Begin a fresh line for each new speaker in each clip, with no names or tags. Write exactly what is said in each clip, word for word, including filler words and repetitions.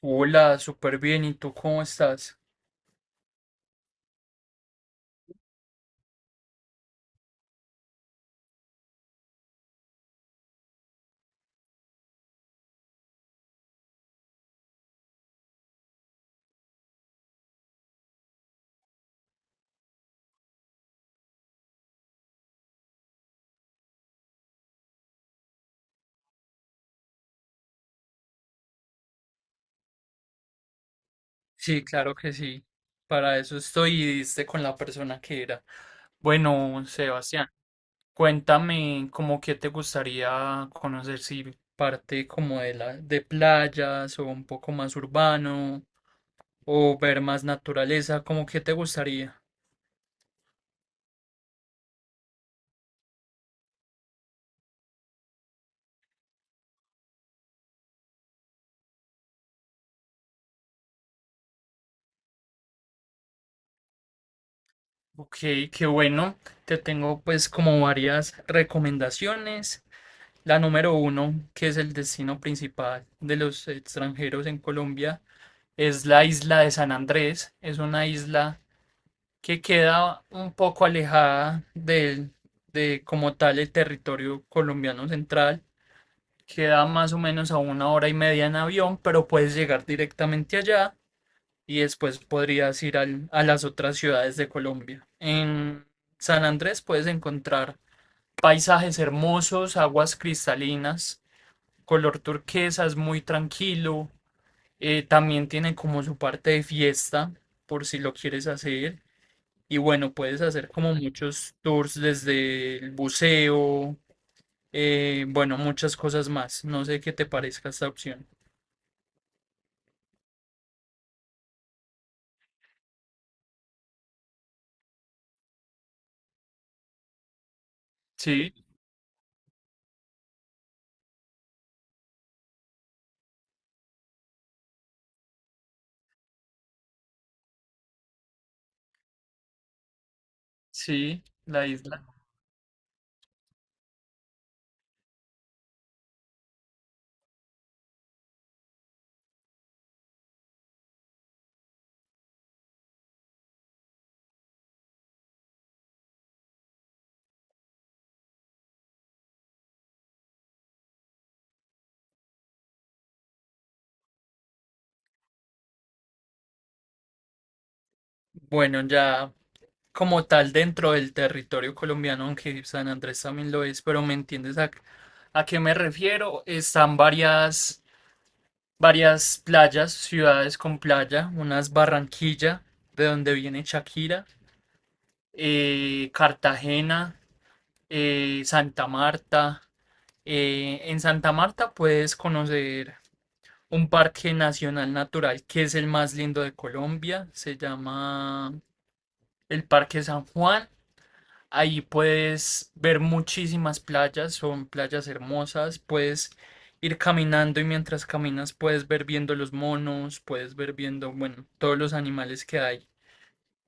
Hola, súper bien. ¿Y tú cómo estás? Sí, claro que sí. Para eso estoy y diste con la persona que era. Bueno, Sebastián, cuéntame cómo que te gustaría conocer si parte como de la de playas o un poco más urbano o ver más naturaleza, ¿cómo que te gustaría? Ok, qué bueno. Te tengo pues como varias recomendaciones. La número uno, que es el destino principal de los extranjeros en Colombia, es la isla de San Andrés. Es una isla que queda un poco alejada del, de como tal el territorio colombiano central. Queda más o menos a una hora y media en avión, pero puedes llegar directamente allá y después podrías ir al- a las otras ciudades de Colombia. En San Andrés puedes encontrar paisajes hermosos, aguas cristalinas, color turquesa, es muy tranquilo. Eh, también tiene como su parte de fiesta, por si lo quieres hacer. Y bueno, puedes hacer como muchos tours desde el buceo, eh, bueno, muchas cosas más. No sé qué te parezca esta opción. Sí, sí, la isla. Bueno, ya como tal dentro del territorio colombiano, aunque San Andrés también lo es, pero ¿me entiendes a, a qué me refiero? Están varias, varias playas, ciudades con playa, unas Barranquilla, de donde viene Shakira, eh, Cartagena, eh, Santa Marta. Eh, en Santa Marta puedes conocer un parque nacional natural que es el más lindo de Colombia, se llama el Parque San Juan. Ahí puedes ver muchísimas playas, son playas hermosas, puedes ir caminando y mientras caminas puedes ver viendo los monos, puedes ver viendo, bueno, todos los animales que hay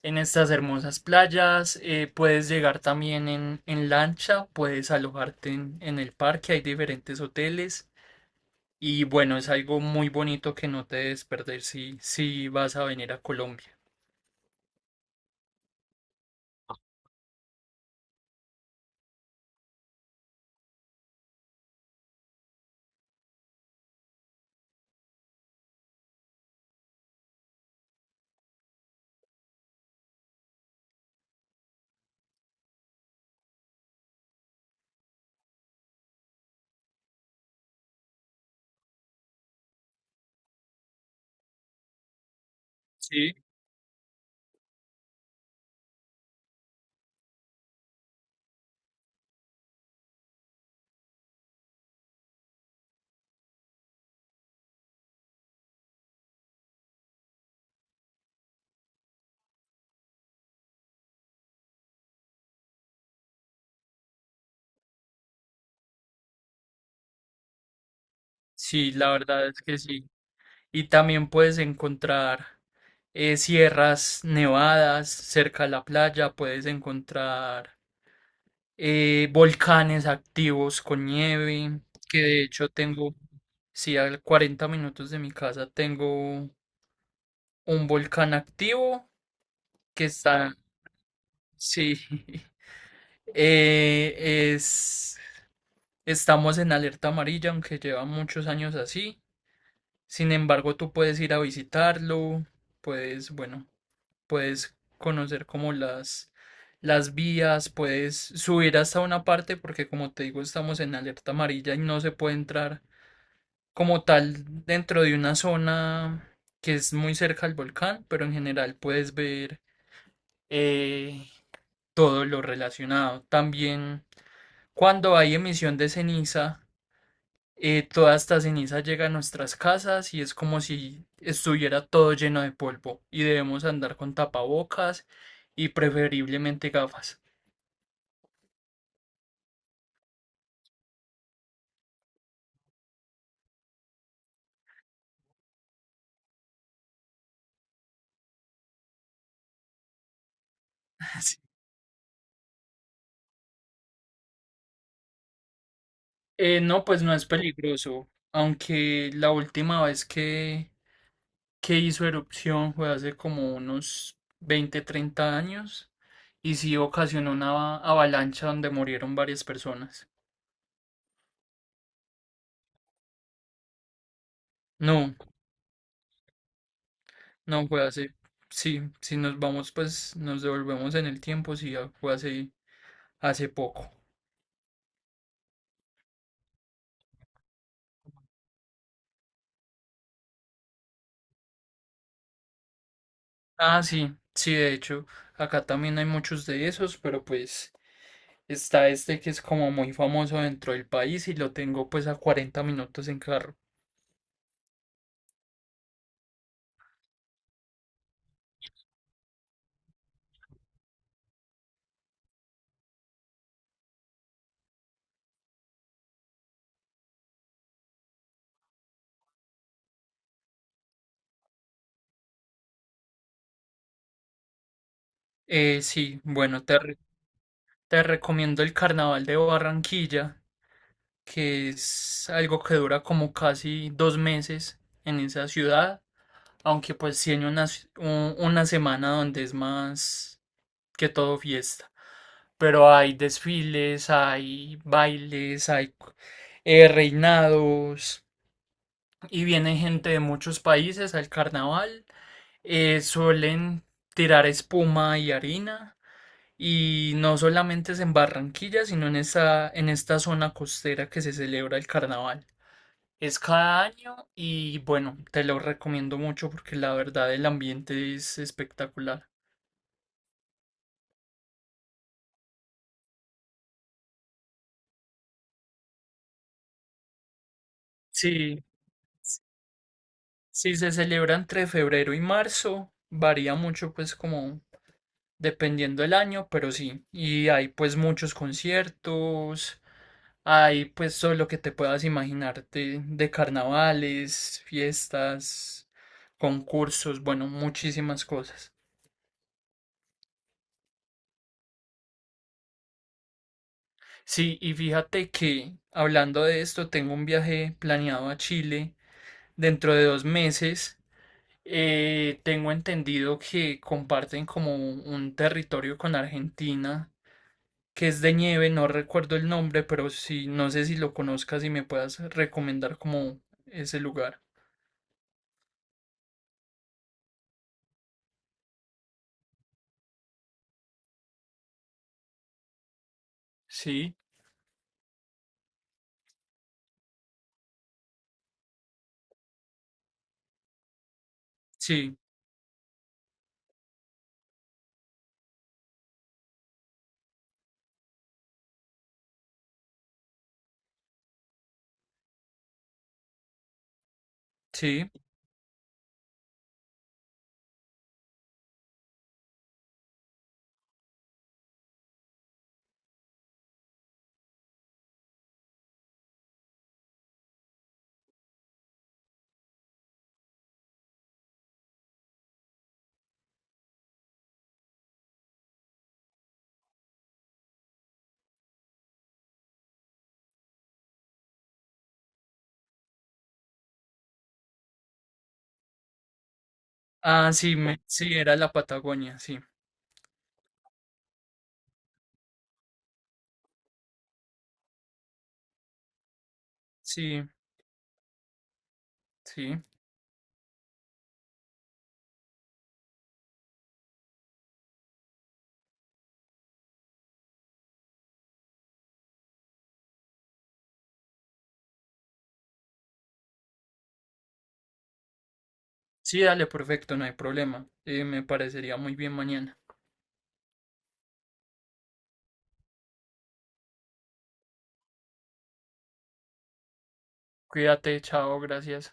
en estas hermosas playas, eh, puedes llegar también en, en lancha, puedes alojarte en, en el parque, hay diferentes hoteles y bueno, es algo muy bonito que no te debes perder si, si vas a venir a Colombia. Sí. Sí, la verdad es que sí. Y también puedes encontrar eh, sierras nevadas cerca de la playa, puedes encontrar eh, volcanes activos con nieve, que de hecho tengo, sí, a cuarenta minutos de mi casa tengo un volcán activo que está, sí, eh, es, estamos en alerta amarilla, aunque lleva muchos años así. Sin embargo, tú puedes ir a visitarlo, puedes, bueno. Puedes conocer como las, las vías, puedes subir hasta una parte porque como te digo estamos en alerta amarilla y no se puede entrar como tal dentro de una zona que es muy cerca al volcán, pero en general puedes ver eh, todo lo relacionado. También cuando hay emisión de ceniza, eh, toda esta ceniza llega a nuestras casas y es como si estuviera todo lleno de polvo y debemos andar con tapabocas y preferiblemente gafas. Sí. Eh, no, pues no es peligroso, aunque la última vez que, que hizo erupción fue hace como unos veinte treinta años y sí ocasionó una avalancha donde murieron varias personas. No, no fue hace, sí, si nos vamos pues nos devolvemos en el tiempo, sí, ya fue hace hace poco. Ah, sí, sí, de hecho, acá también hay muchos de esos, pero pues está este que es como muy famoso dentro del país y lo tengo pues a cuarenta minutos en carro. Eh, sí, bueno, te, re- te recomiendo el Carnaval de Barranquilla, que es algo que dura como casi dos meses en esa ciudad, aunque pues tiene una, ci- un- una semana donde es más que todo fiesta. Pero hay desfiles, hay bailes, hay eh, reinados y viene gente de muchos países al carnaval. Eh, suelen tirar espuma y harina y no solamente es en Barranquilla, sino en esta, en esta zona costera que se celebra el carnaval. Es cada año y bueno, te lo recomiendo mucho porque la verdad el ambiente es espectacular. Sí. Si se celebra entre febrero y marzo, varía mucho pues como dependiendo del año, pero sí, y hay pues muchos conciertos, hay pues todo lo que te puedas imaginar de, de carnavales, fiestas, concursos, bueno, muchísimas cosas. Sí, y fíjate que hablando de esto, tengo un viaje planeado a Chile dentro de dos meses. Eh, tengo entendido que comparten como un territorio con Argentina. Que es de nieve, no recuerdo el nombre, pero sí, no sé si lo conozcas y me puedas recomendar como ese lugar. Sí, sí, sí. Ah, sí, me- sí, era la Patagonia, sí, sí, sí. Sí, dale, perfecto, no hay problema. Eh, me parecería muy bien mañana. Cuídate, chao, gracias.